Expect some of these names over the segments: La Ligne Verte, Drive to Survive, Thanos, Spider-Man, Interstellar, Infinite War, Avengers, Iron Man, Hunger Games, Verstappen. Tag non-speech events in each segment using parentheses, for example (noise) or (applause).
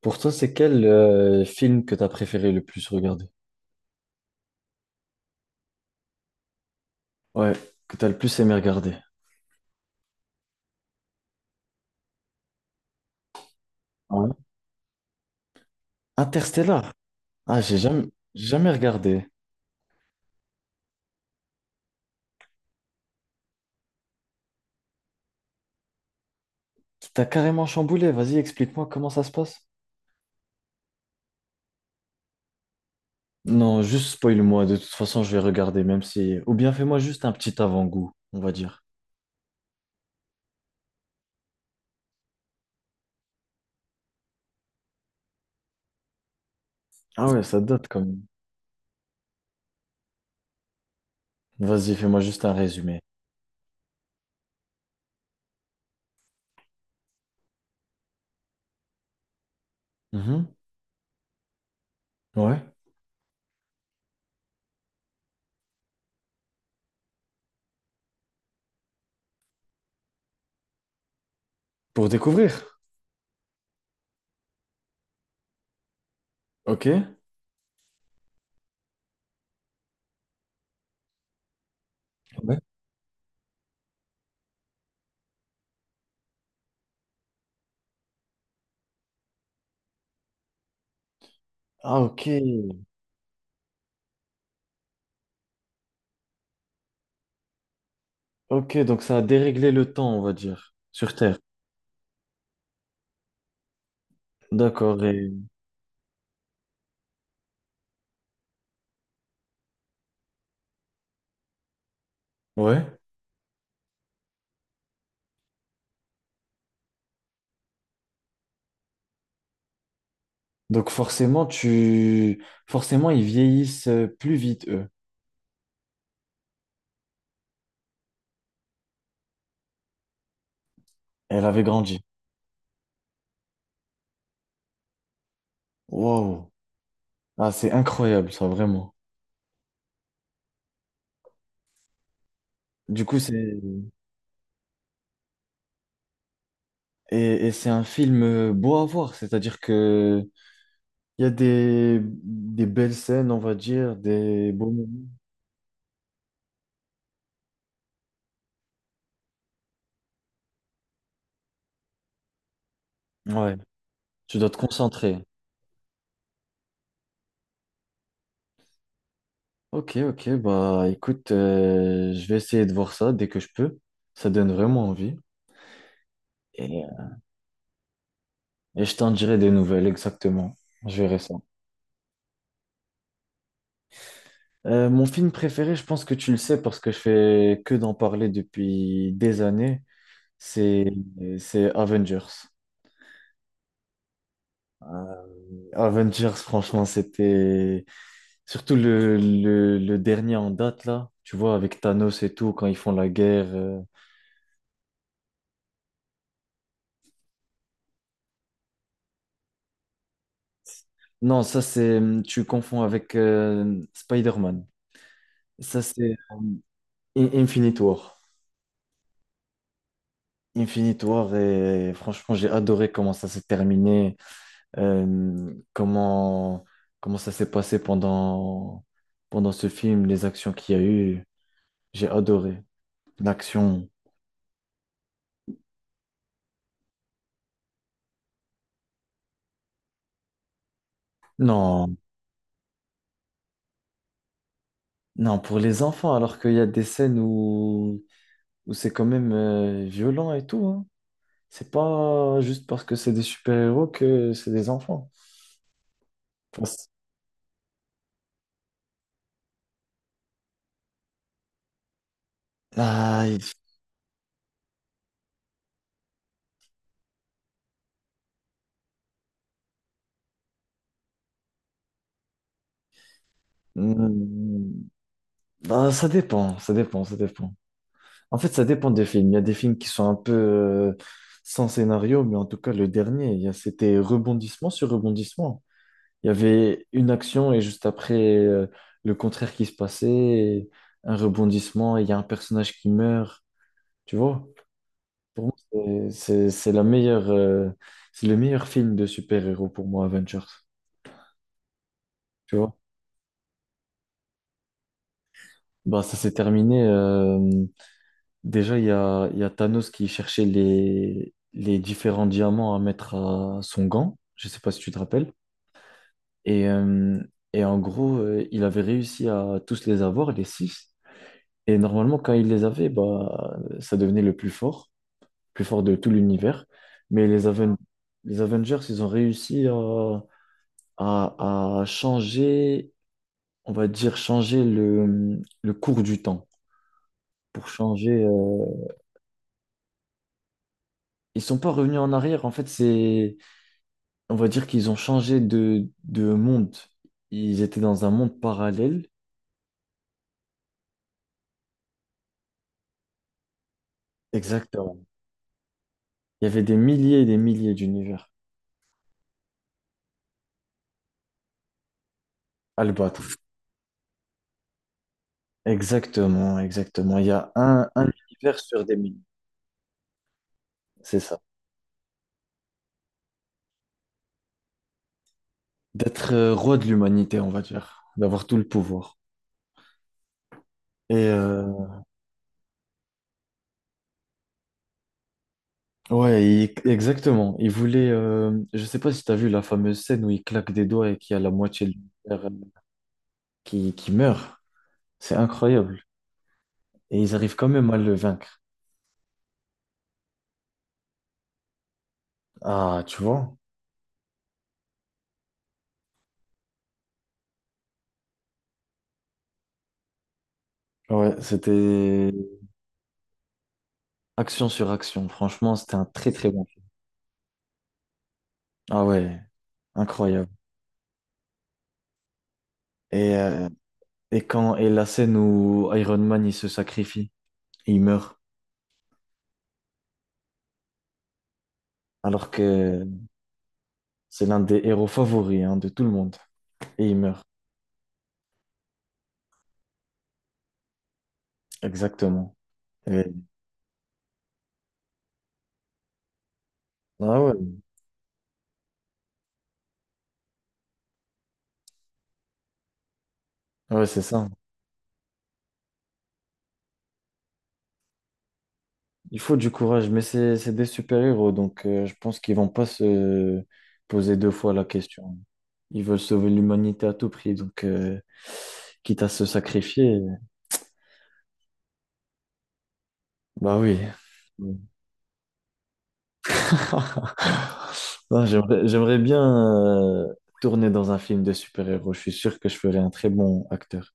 Pour toi, c'est quel film que t'as préféré le plus regarder? Ouais, que t'as le plus aimé regarder. Ouais. Interstellar. Ah, j'ai jamais regardé. T'as carrément chamboulé. Vas-y, explique-moi comment ça se passe. Non, juste spoil-moi. De toute façon, je vais regarder, même si. Ou bien fais-moi juste un petit avant-goût, on va dire. Ah ouais, ça date quand même. Vas-y, fais-moi juste un résumé. Mhm. Ouais. Pour découvrir. Ok. Ouais. Ah, ok. Ok, donc ça a déréglé le temps, on va dire, sur Terre. D'accord. Et... Ouais. Donc forcément, tu... forcément, ils vieillissent plus vite, eux. Elle avait grandi. Wow. Ah, c'est incroyable, ça, vraiment. Du coup, c'est... et c'est un film beau à voir, c'est-à-dire que il y a des belles scènes, on va dire, des beaux moments. Ouais, tu dois te concentrer. Ok, ok, bah écoute, je vais essayer de voir ça dès que je peux. Ça donne vraiment envie. Et, et je t'en dirai des nouvelles, exactement. Je verrai ça. Mon film préféré, je pense que tu le sais parce que je fais que d'en parler depuis des années, c'est c'est Avengers. Euh, Avengers, franchement, c'était surtout le dernier en date là, tu vois, avec Thanos et tout, quand ils font la guerre. Non, ça c'est tu confonds avec Spider-Man. Ça c'est Infinite War. Infinite War et franchement, j'ai adoré comment ça s'est terminé. Euh, comment, comment ça s'est pendant ce film, les actions qu'il y a eu. J'ai adoré. L'action. Non, non, pour les enfants, alors qu'il y a des scènes où, où c'est quand même violent et tout, hein. C'est pas juste parce que c'est des super-héros que c'est des enfants. Enfin, ah, il- Hmm, ah, ça dépend, ça dépend, ça dépend. En fait, ça dépend des films. Il y a des films qui sont un peu sans scénario, mais en tout cas, le dernier, c'était rebondissement sur rebondissement. Il y avait une action et juste après, le contraire qui se passait, et un rebondissement, et il y a un personnage qui meurt. Tu vois? Pour moi, c'est la meilleure, c'est le meilleur film de super-héros pour moi, Avengers. Tu vois? Bah, ça s'est terminé. Déjà, il y a Thanos qui cherchait les différents diamants à mettre à son gant. Je sais pas si tu te rappelles. Et, euh, et en gros, il avait réussi à tous les avoir, les six. Et normalement, quand il les avait, bah, ça devenait le plus fort de tout l'univers. Mais les Avengers, ils ont réussi à, à changer, on va dire, changer le cours du temps. Pour changer, ils sont pas revenus en arrière. En fait, c'est on va dire qu'ils ont changé de monde. Ils étaient dans un monde parallèle. Exactement. Il y avait des milliers et des milliers d'univers à le battre. Exactement, exactement. Il y a un univers sur des milliers. C'est ça. D'être roi de l'humanité, on va dire. D'avoir tout le pouvoir. Et euh, ouais, exactement. Il voulait. Je sais pas si tu as vu la fameuse scène où il claque des doigts et qu'il y a la moitié de l'univers qui meurt. C'est incroyable. Et ils arrivent quand même à le vaincre. Ah, tu vois. Ouais, c'était action sur action. Franchement, c'était un très très bon film. Ah ouais, incroyable. Et, euh, et quand et la scène où Iron Man il se sacrifie, et il meurt, alors que c'est l'un des héros favoris hein, de tout le monde. Et il meurt, exactement. Et- ah ouais, ouais, c'est ça. Il faut du courage, mais c'est des super-héros, donc je pense qu'ils vont pas se poser deux fois la question. Ils veulent sauver l'humanité à tout prix, donc quitte à se sacrifier. Bah oui. Mm. (laughs) Non, j'aimerais bien euh, tourner dans un film de super-héros. Je suis sûr que je ferais un très bon acteur.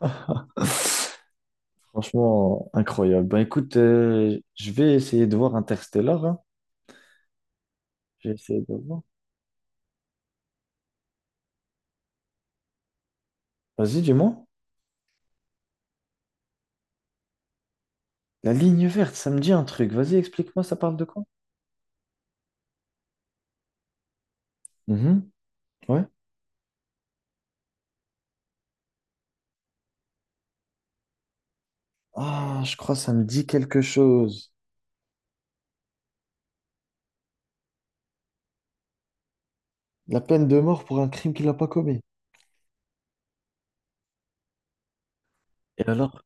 (laughs) Franchement, incroyable. Bah écoute, je vais essayer de voir Interstellar. Hein. J'ai essayé de voir. Vas-y, dis-moi. La ligne verte, ça me dit un truc. Vas-y, explique-moi, ça parle de quoi? Mhm. Ouais. Ah, je crois que ça me dit quelque chose. La peine de mort pour un crime qu'il n'a pas commis. Et alors?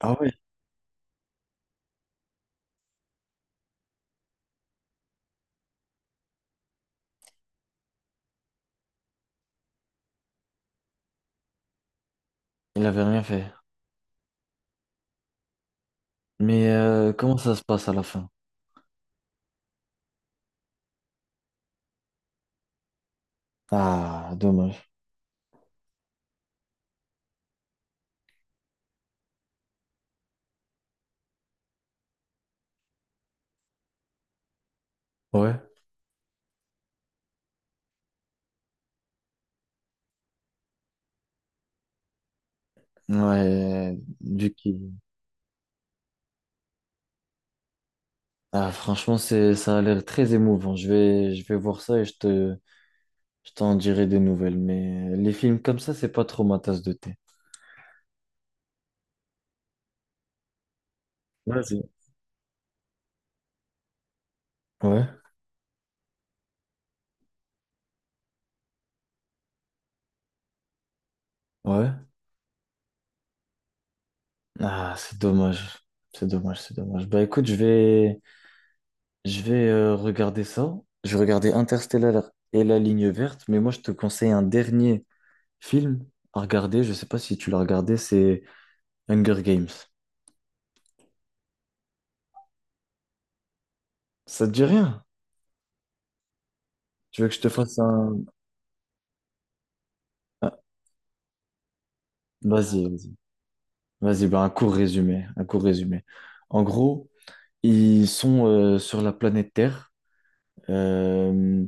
Ah ouais, il avait rien fait. Mais comment ça se passe à la fin? Ah, dommage. Ouais. Ouais, du coup. Ah, franchement, c'est, ça a l'air très émouvant. Je vais voir ça et je t'en dirai des nouvelles. Mais les films comme ça, c'est pas trop ma tasse de thé. Vas-y. Ouais, ouais. Ah, c'est dommage. C'est dommage, c'est dommage. Bah écoute, je vais regarder ça. Je vais regarder Interstellar et La Ligne Verte. Mais moi, je te conseille un dernier film à regarder. Je sais pas si tu l'as regardé. C'est Hunger Games. Ça te dit rien? Tu veux que je te fasse un... un- Vas-y, vas-y. Vas-y, bah, un court résumé. Un court résumé. En gros, ils sont sur la planète Terre. Euh,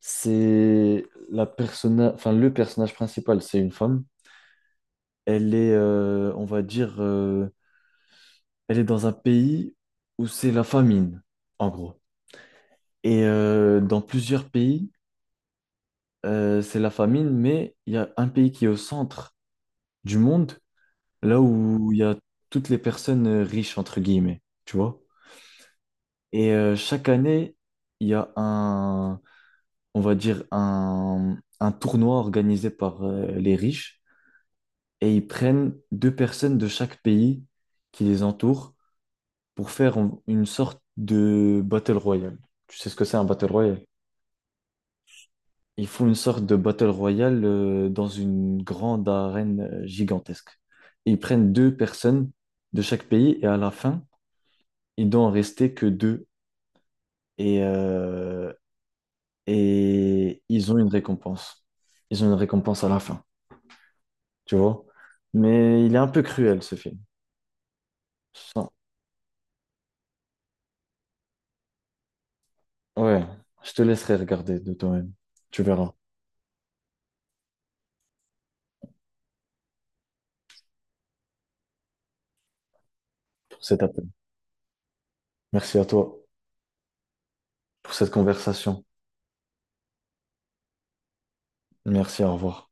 c'est la personna... enfin, le personnage principal, c'est une femme. Elle est, on va dire, elle est dans un pays où c'est la famine, en gros. Et dans plusieurs pays, c'est la famine, mais il y a un pays qui est au centre du monde là où il y a toutes les personnes riches, entre guillemets, tu vois. Et chaque année, il y a un, on va dire, un tournoi organisé par les riches, et ils prennent deux personnes de chaque pays qui les entourent pour faire une sorte de battle royale. Tu sais ce que c'est un battle royale? Ils font une sorte de battle royale dans une grande arène gigantesque. Et ils prennent deux personnes de chaque pays, et à la fin, il doit en rester que deux. Et, euh, et ils ont une récompense. Ils ont une récompense à la fin, tu vois. Mais il est un peu cruel, ce film. Sans- Ouais, je te laisserai regarder de toi-même. Tu verras pour cet appel. Merci à toi pour cette conversation. Merci, au revoir.